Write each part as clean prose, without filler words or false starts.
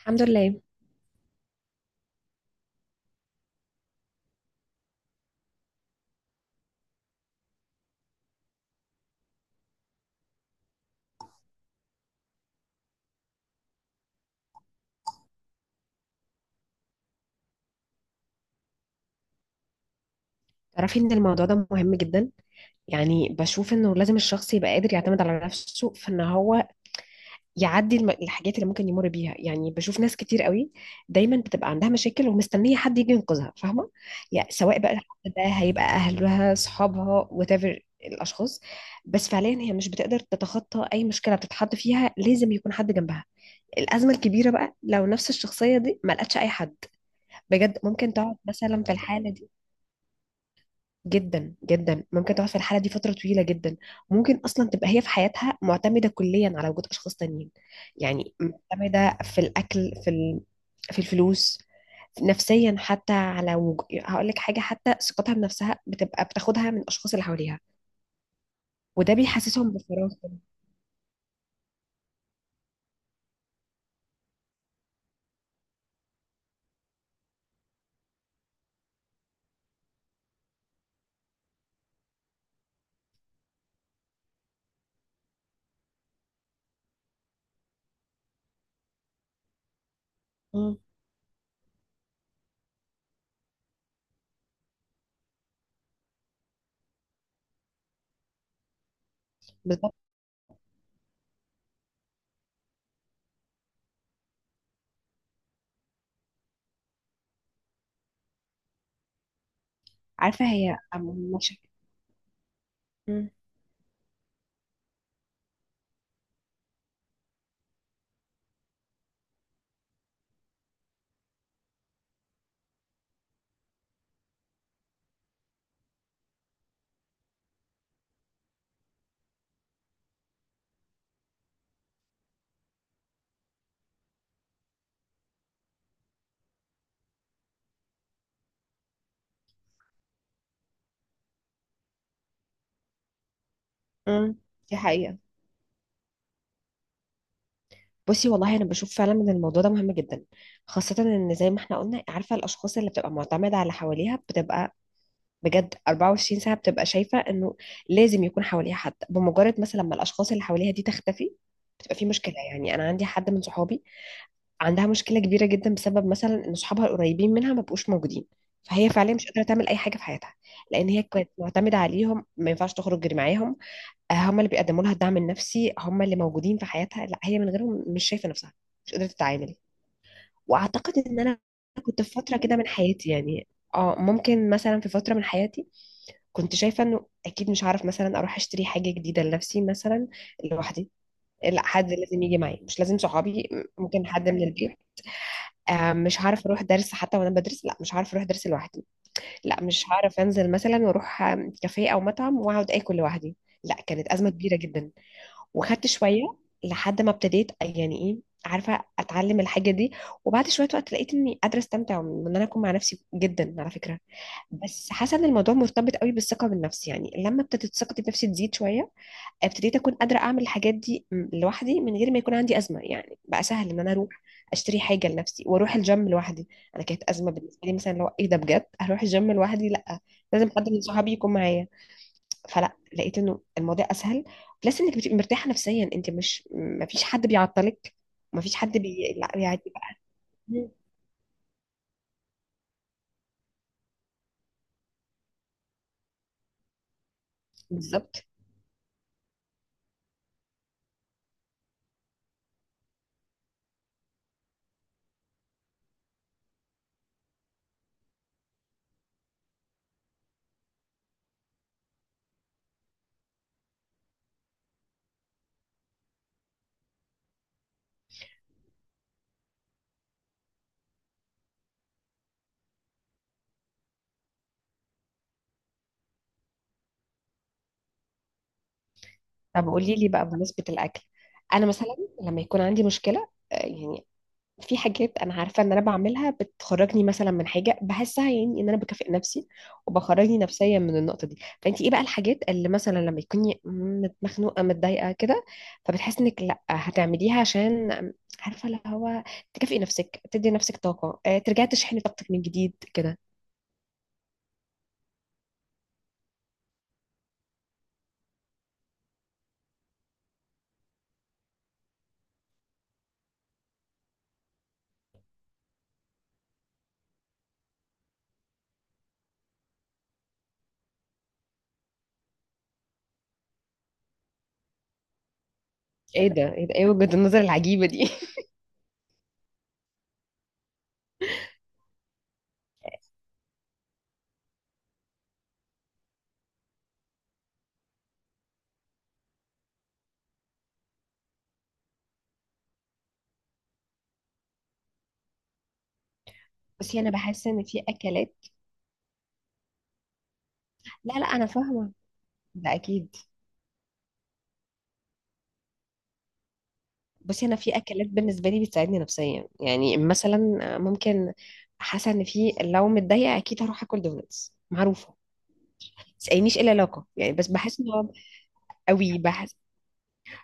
الحمد لله. تعرفي ان الموضوع ده مهم جدا، يعني بشوف انه لازم الشخص يبقى قادر يعتمد على نفسه في ان هو يعدي الحاجات اللي ممكن يمر بيها. يعني بشوف ناس كتير قوي دايما بتبقى عندها مشاكل ومستنيه حد يجي ينقذها، فاهمه؟ يعني سواء بقى الحد ده هيبقى اهلها، اصحابها، whatever الاشخاص، بس فعليا هي مش بتقدر تتخطى اي مشكله بتتحط فيها، لازم يكون حد جنبها. الازمه الكبيره بقى لو نفس الشخصيه دي ما لقتش اي حد، بجد ممكن تقعد مثلا في الحاله دي. جدا جدا ممكن تقعد في الحالة دي فترة طويلة جدا، ممكن أصلا تبقى هي في حياتها معتمدة كليا على وجود أشخاص تانيين. يعني معتمدة في الأكل، في في الفلوس، نفسيا حتى على هقول لك حاجة، حتى ثقتها بنفسها بتبقى بتاخدها من الأشخاص اللي حواليها، وده بيحسسهم بالفراغ كده. مم. بالظبط. عارفة هي أم- مش مم. مم. دي حقيقة. بصي والله أنا بشوف فعلا إن الموضوع ده مهم جدا، خاصة إن زي ما احنا قلنا، عارفة الأشخاص اللي بتبقى معتمدة على حواليها بتبقى بجد 24 ساعة بتبقى شايفة انه لازم يكون حواليها حد. بمجرد مثلا ما الاشخاص اللي حواليها دي تختفي بتبقى في مشكلة. يعني انا عندي حد من صحابي عندها مشكلة كبيرة جدا بسبب مثلا ان صحابها القريبين منها ما بقوش موجودين، فهي فعليا مش قادرة تعمل اي حاجة في حياتها، لان هي كانت معتمدة عليهم. ما ينفعش تخرج غير معاهم، هم اللي بيقدموا لها الدعم النفسي، هم اللي موجودين في حياتها. لا هي من غيرهم مش شايفة نفسها، مش قادرة تتعامل. واعتقد ان انا كنت في فترة كده من حياتي. يعني اه ممكن مثلا في فترة من حياتي كنت شايفة انه اكيد مش هعرف مثلا اروح اشتري حاجة جديدة لنفسي مثلا، لوحدي. لا، حد لازم يجي معايا، مش لازم صحابي، ممكن حد من البيت. مش هعرف اروح درس حتى وانا بدرس، لا مش هعرف اروح درس لوحدي. لا مش هعرف انزل مثلا واروح كافيه او مطعم واقعد اكل لوحدي. لا، كانت ازمة كبيرة جدا. وخدت شوية لحد ما ابتديت يعني ايه، عارفة، اتعلم الحاجة دي، وبعد شوية وقت لقيت اني قادرة استمتع وان انا اكون مع نفسي جدا على فكرة. بس حاسه ان الموضوع مرتبط قوي بالثقه بالنفس، يعني لما ابتدت ثقتي بنفسي تزيد شويه ابتديت اكون قادره اعمل الحاجات دي لوحدي، من غير ما يكون عندي ازمه. يعني بقى سهل ان انا اروح اشتري حاجه لنفسي واروح الجيم لوحدي. انا كانت ازمه بالنسبه لي مثلا، لو ايه ده بجد هروح الجيم لوحدي؟ لا، لازم حد من صحابي يكون معايا. فلا، لقيت انه الموضوع اسهل، بلس انك بتبقي مرتاحه نفسيا، انت مش، ما فيش حد بيعطلك، ما فيش حد بي... لا يعني بقى بالظبط. طب قولي لي بقى بمناسبة الأكل، أنا مثلا لما يكون عندي مشكلة يعني في حاجات أنا عارفة إن أنا بعملها بتخرجني مثلا من حاجة بحسها، يعني إن أنا بكافئ نفسي وبخرجني نفسيا من النقطة دي. فأنت إيه بقى الحاجات اللي مثلا لما تكوني مخنوقة متضايقة كده، فبتحسي إنك لأ هتعمليها؟ عشان عارفة اللي هو تكافئي نفسك، تدي نفسك طاقة، ترجعي تشحني طاقتك من جديد كده. إيه ده، إيه ده، إيه وجهة النظر العجيبة دي؟ بس أنا بحس إن في أكلات، لا لا أنا فاهمة، ده أكيد. بصي انا في اكلات بالنسبه لي بتساعدني نفسيا، يعني مثلا ممكن، حاسه ان في، لو متضايقه اكيد هروح اكل دونتس معروفه. تسألنيش ايه العلاقه يعني، بس بحس ان هو قوي بحس.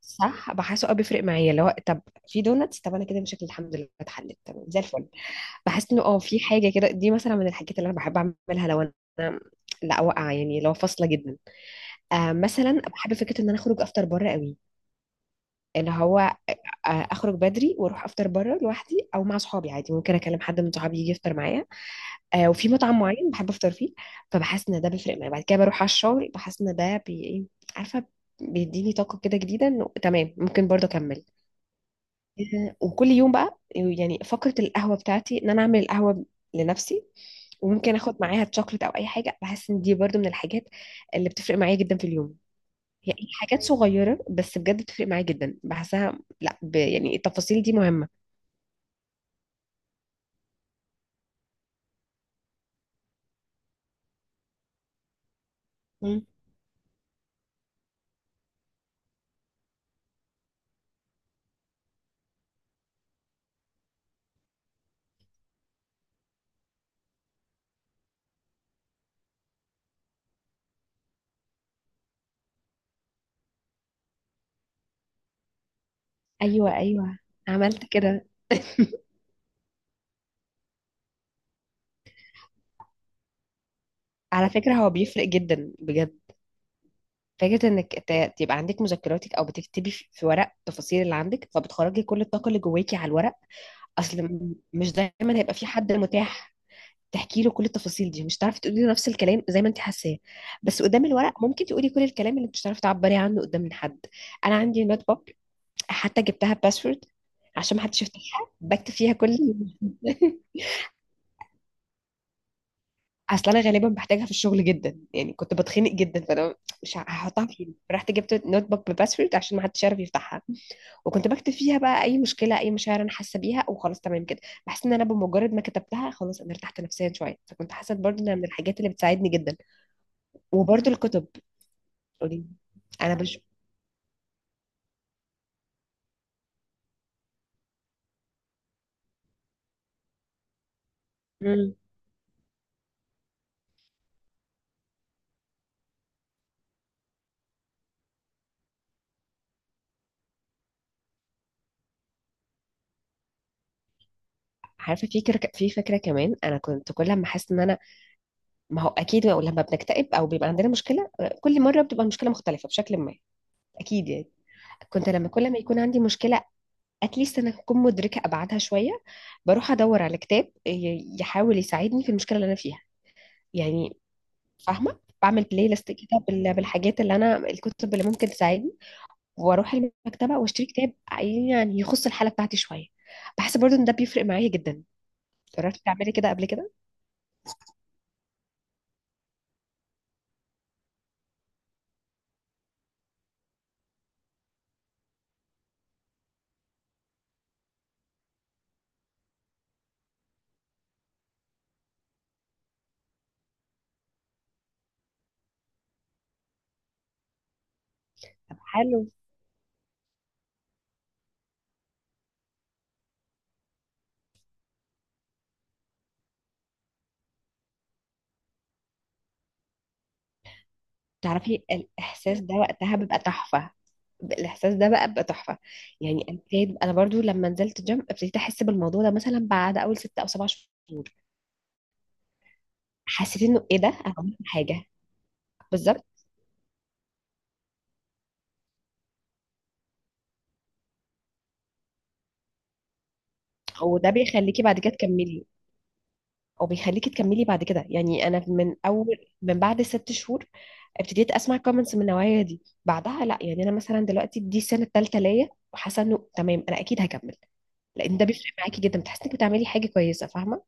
صح بحسه، اه بيفرق معايا لو طب في دونتس. طب انا كده مشاكلي الحمد لله اتحلت تمام زي الفل. بحس انه اه في حاجه كده، دي مثلا من الحاجات اللي انا بحب اعملها لو انا لا واقعه يعني، لو فاصله جدا. آه مثلا بحب فكره ان انا اخرج افطر بره قوي، اللي هو اخرج بدري واروح افطر بره لوحدي، او مع صحابي عادي، ممكن اكلم حد من صحابي يجي يفطر معايا. وفي مطعم معين بحب افطر فيه، فبحس ان ده بيفرق معايا. بعد كده بروح على الشغل بحس ان ده إيه، عارفه، بيديني طاقه كده جديده انه تمام، ممكن برضه اكمل. وكل يوم بقى يعني فقره القهوه بتاعتي ان انا اعمل القهوه لنفسي، وممكن اخد معاها تشوكلت او اي حاجه. بحس ان دي برضو من الحاجات اللي بتفرق معايا جدا في اليوم. هي اي حاجات صغيره بس بجد بتفرق معايا جدا، بحسها لا يعني التفاصيل دي مهمه. ايوه ايوه، عملت كده. على فكرة هو بيفرق جدا بجد، فكرة انك تبقى عندك مذكراتك او بتكتبي في ورق التفاصيل اللي عندك، فبتخرجي كل الطاقة اللي جواكي على الورق. اصل مش دايما هيبقى في حد متاح تحكي له كل التفاصيل دي. مش هتعرفي تقولي له نفس الكلام زي ما انت حاساه، بس قدام الورق ممكن تقولي كل الكلام اللي مش هتعرفي تعبري عنه قدام حد. انا عندي نوت بوك، حتى جبتها باسورد عشان ما حدش يفتحها، بكتب فيها كل اصل انا غالبا بحتاجها في الشغل جدا، يعني كنت بتخنق جدا فانا مش هحطها فين؟ رحت جبت نوت بوك بباسورد عشان ما حدش يعرف يفتحها، وكنت بكتب فيها بقى اي مشكله، اي مشاعر انا حاسه بيها، وخلاص تمام كده. بحس ان انا بمجرد ما كتبتها خلاص انا ارتحت نفسيا شويه، فكنت حاسه برضه انها من الحاجات اللي بتساعدني جدا. وبرضه الكتب، قولي. انا بش مم. عارفه في في فكره كمان انا كنت كل ما احس ان انا، ما هو اكيد لما بنكتئب او بيبقى عندنا مشكله كل مره بتبقى المشكله مختلفه بشكل ما، اكيد يعني. كنت لما كل ما يكون عندي مشكله اتليست انا اكون مدركه ابعادها شويه، بروح ادور على كتاب يحاول يساعدني في المشكله اللي انا فيها. يعني فاهمه، بعمل بلاي ليست كده بالحاجات اللي انا، الكتب اللي ممكن تساعدني، واروح المكتبه واشتري كتاب يعني يخص الحاله بتاعتي شويه. بحس برضو ان ده بيفرق معايا جدا. جربتي تعملي كده قبل كده؟ طب حلو. تعرفي الاحساس ده وقتها بيبقى تحفه، الاحساس ده بقى بيبقى تحفه. يعني ابتديت انا برضو لما نزلت جيم ابتديت احس بالموضوع ده مثلا بعد اول ست او سبع شهور، حسيت انه ايه ده، انا عملت حاجه. بالظبط، وده بيخليكي بعد كده تكملي. او بيخليكي تكملي بعد كده. يعني انا من اول، من بعد ست شهور ابتديت اسمع كومنتس من النوعيه دي. بعدها لا يعني انا مثلا دلوقتي دي السنه الثالثه ليا وحاسه انه تمام انا اكيد هكمل، لان ده بيفرق معاكي جدا، بتحسي انك بتعملي حاجه كويسه، فاهمه؟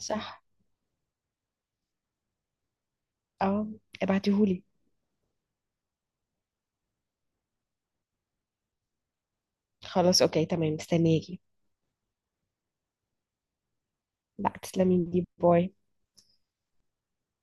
صح. اه، ابعتيهولي. خلاص اوكي تمام، مستنياكي. لا تسلمي لي، باي.